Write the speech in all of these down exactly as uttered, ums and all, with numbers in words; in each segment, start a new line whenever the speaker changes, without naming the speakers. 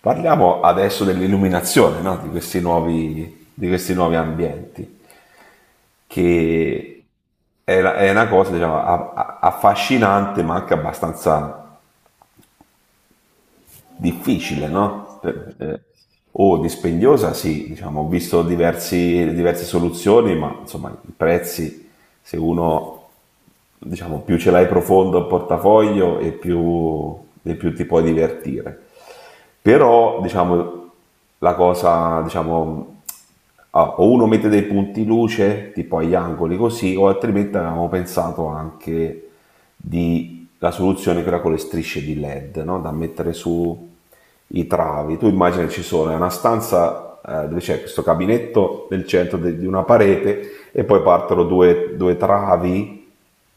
Parliamo adesso dell'illuminazione, no? di, questi nuovi, di questi nuovi ambienti, che è, la- è una cosa diciamo, a- a- affascinante ma anche abbastanza difficile, no? Per- eh, o dispendiosa, sì, diciamo, ho visto diversi- diverse soluzioni, ma insomma i prezzi se uno diciamo più ce l'hai profondo il portafoglio e più, e più ti puoi divertire. Però diciamo la cosa, diciamo, ah, o uno mette dei punti luce tipo agli angoli così, o altrimenti avevamo pensato anche di la soluzione che era con le strisce di L E D, no? Da mettere su i travi. Tu immagini ci sono, è una stanza eh, dove c'è questo gabinetto nel centro de- di una parete e poi partono due, due travi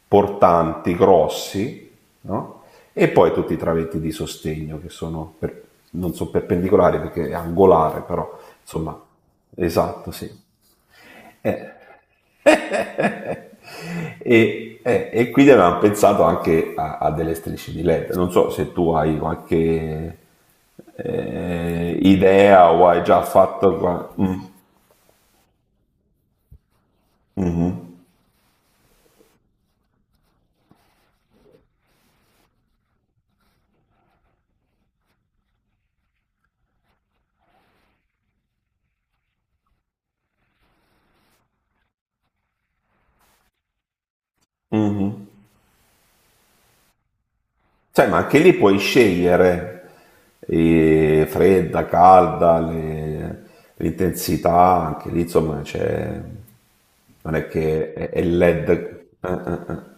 portanti, grossi, no? E poi tutti i travetti di sostegno che sono, per- non sono perpendicolari perché è angolare, però insomma, esatto, sì. Eh. E, eh, e quindi avevamo pensato anche a, a delle strisce di L E D. Non so se tu hai qualche eh, idea o hai già fatto. qua- Mm, mhm, mhm. Sai, ma anche lì puoi scegliere eh, fredda, calda, le- l'intensità, anche lì insomma c'è. Non è che è è L E D. eh, eh, eh.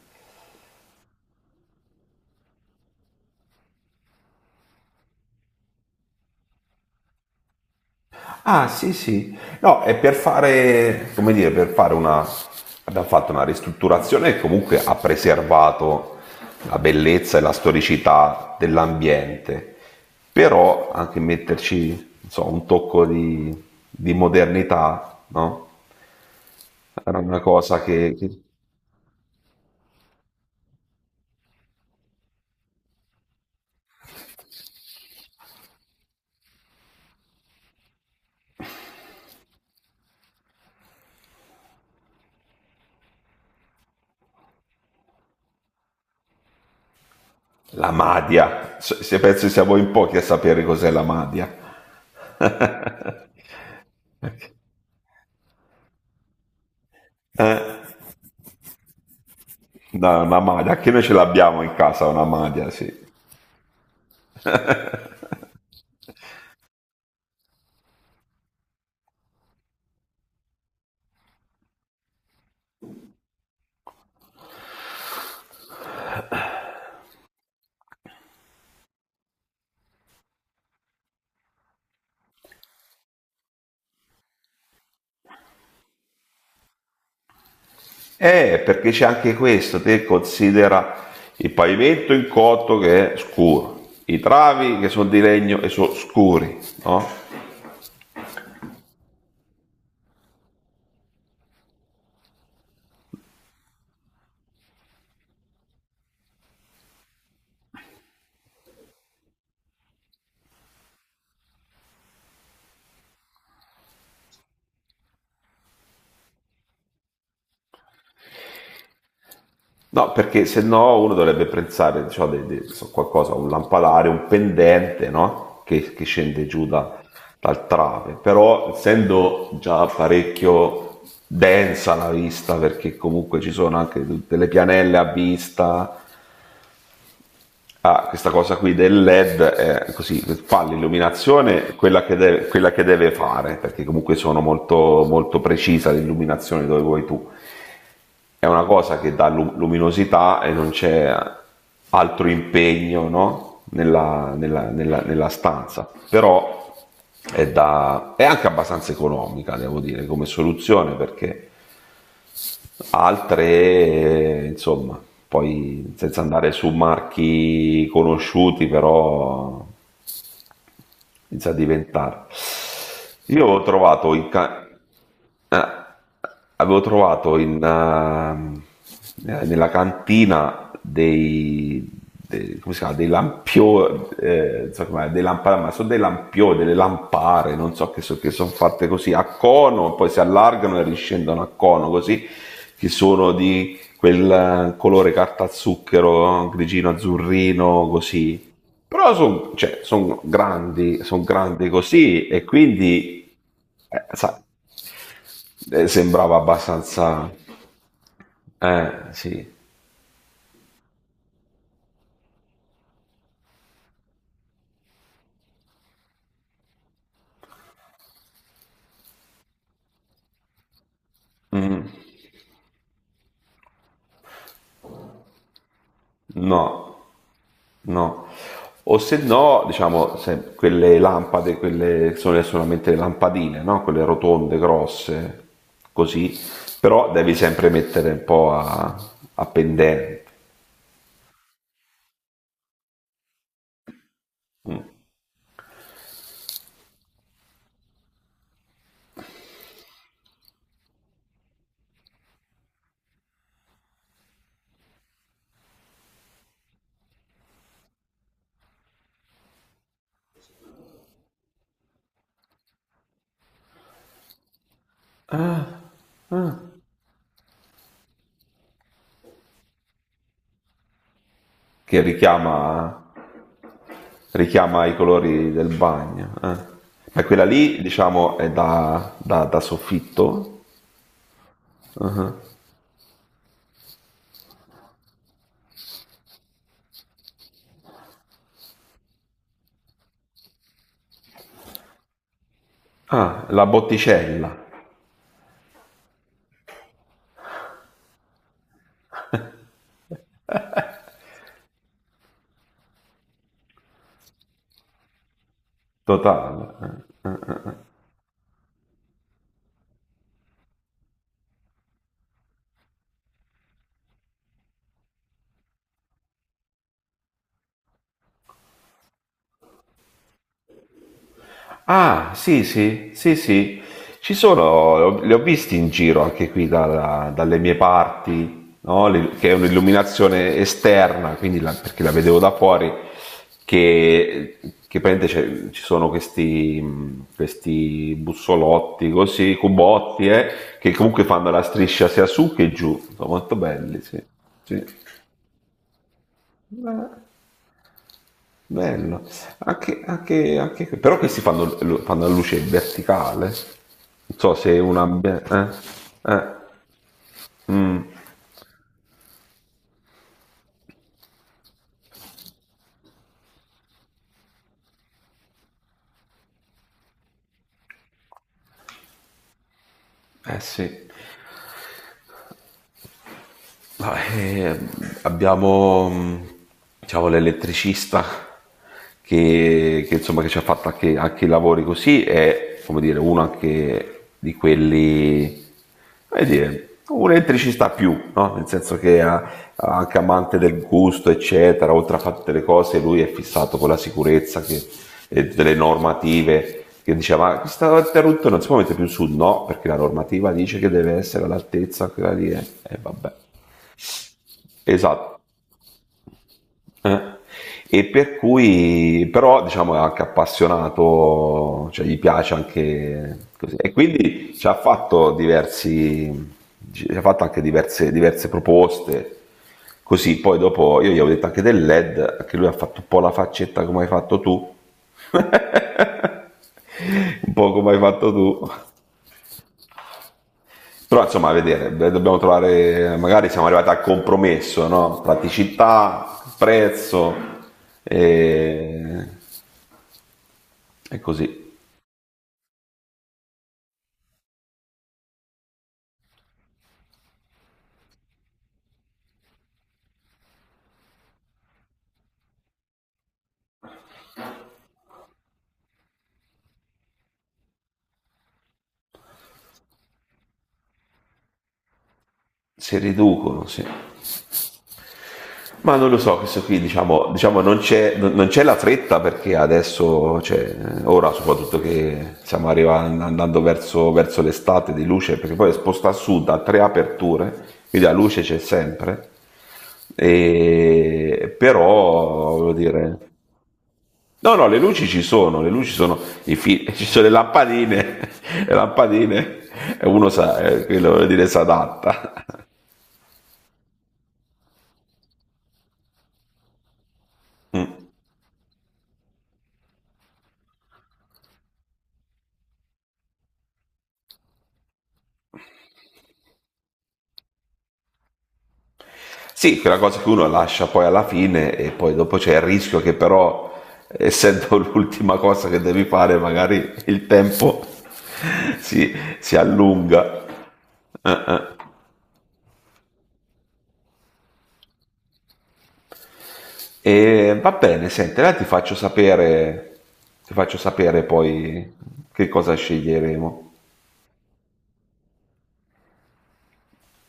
Ah, sì, sì. No, è per fare, come dire, per fare una. Abbiamo fatto una ristrutturazione che comunque ha preservato la bellezza e la storicità dell'ambiente, però anche metterci, non so, un tocco di, di modernità, no? Era una cosa. che... che- La madia. Se se penso siamo in pochi a sapere cos'è la madia. Eh, no, una madia, anche noi ce l'abbiamo in casa, una madia, sì. Eh, perché c'è anche questo, te considera il pavimento in cotto che è scuro, i travi che sono di legno e sono scuri, no? No, perché se no uno dovrebbe pensare diciamo, di, di- so qualcosa, un lampadario, un pendente, no? Che, che scende giù da- dal trave, però essendo già parecchio densa la vista, perché comunque ci sono anche tutte le pianelle a vista, a questa cosa qui del L E D, eh, così fa l'illuminazione quella che, deve, quella che deve fare, perché comunque sono molto, molto precisa l'illuminazione dove vuoi tu. È una cosa che dà lu- luminosità e non c'è altro impegno no? nella, nella- nella- nella stanza, però è, da- è anche abbastanza economica, devo dire, come soluzione perché Altre, eh, insomma, poi senza andare su marchi conosciuti, però inizia a diventare. Io ho trovato in, ca- eh, avevo trovato in, ehm, eh, nella cantina dei, dei- come si chiama, dei lampioni, non so com'è, dei lampari, ma sono dei lampioni, delle lampare, non so che, so- che sono fatte così a cono, poi si allargano e riscendono a cono così, che sono di quel eh, colore carta zucchero, no? Grigino, azzurrino, così. Però sono grandi, sono grandi così e quindi, eh, sai, eh, sembrava abbastanza. Eh, sì. Mm, no, no. O se no, diciamo, se quelle lampade, quelle che sono solamente le lampadine, no? Quelle rotonde, grosse, così. Però devi sempre mettere un po' a, a pendente. Mm. Ah, che richiama, richiama i colori del bagno. Eh. Ma quella lì, diciamo, è da, da- da soffitto. Ah, la botticella, totale. Eh. Ah, sì, sì, sì, sì. Ci sono, li ho visti in giro anche qui dalla- dalle mie parti, no? Le- Che è un'illuminazione esterna, quindi la- perché la vedevo da fuori, che, che praticamente c'è- ci sono questi, mh, questi bussolotti così, cubotti, eh, che comunque fanno la striscia sia su che giù. Sono molto belli, sì. Sì. Bello. Anche, anche, anche... Però questi fanno, fanno la luce verticale. Non so se è una. Be- Eh, eh, mm, eh sì. Ma, eh, abbiamo mh, diciamo, l'elettricista che, che, insomma, che ci ha fatto anche, anche i lavori così, è come dire, uno anche di quelli, come dire, un elettricista più, no? Nel senso che ha, ha anche amante del gusto, eccetera, oltre a fare tutte le cose, lui è fissato con la sicurezza che, e tutte le normative che diceva ma questa rotta non si può mettere più su no perché la normativa dice che deve essere all'altezza quella lì e eh, vabbè. Esatto. Eh. E per cui, però, diciamo, è anche appassionato, cioè gli piace anche così. E quindi ci ha fatto diversi, ci ha fatto anche diverse, diverse proposte. Così, poi dopo io gli avevo detto anche del L E D, anche lui ha fatto un po' la faccetta come hai fatto tu, un po' come hai fatto tu. Però insomma, a vedere, beh, dobbiamo trovare, magari siamo arrivati al compromesso, no? Praticità, prezzo e, e così. Si riducono, sì. Ma non lo so, questo qui diciamo, diciamo non, c'è, non- non c'è la fretta perché adesso, cioè, ora soprattutto che stiamo arrivando, andando verso, verso, l'estate di luce, perché poi è sposta a sud a tre aperture, quindi la luce c'è sempre, e, però voglio dire, no, no, le luci ci sono, le luci sono, i fi- ci sono le lampadine, le lampadine, e uno sa, eh, quello vuol dire si adatta. Mm. Sì, quella cosa che uno lascia poi alla fine e poi dopo c'è il rischio che però, essendo l'ultima cosa che devi fare, magari il tempo si, si allunga. E va bene, senti, allora ti faccio sapere, ti faccio sapere poi che cosa sceglieremo.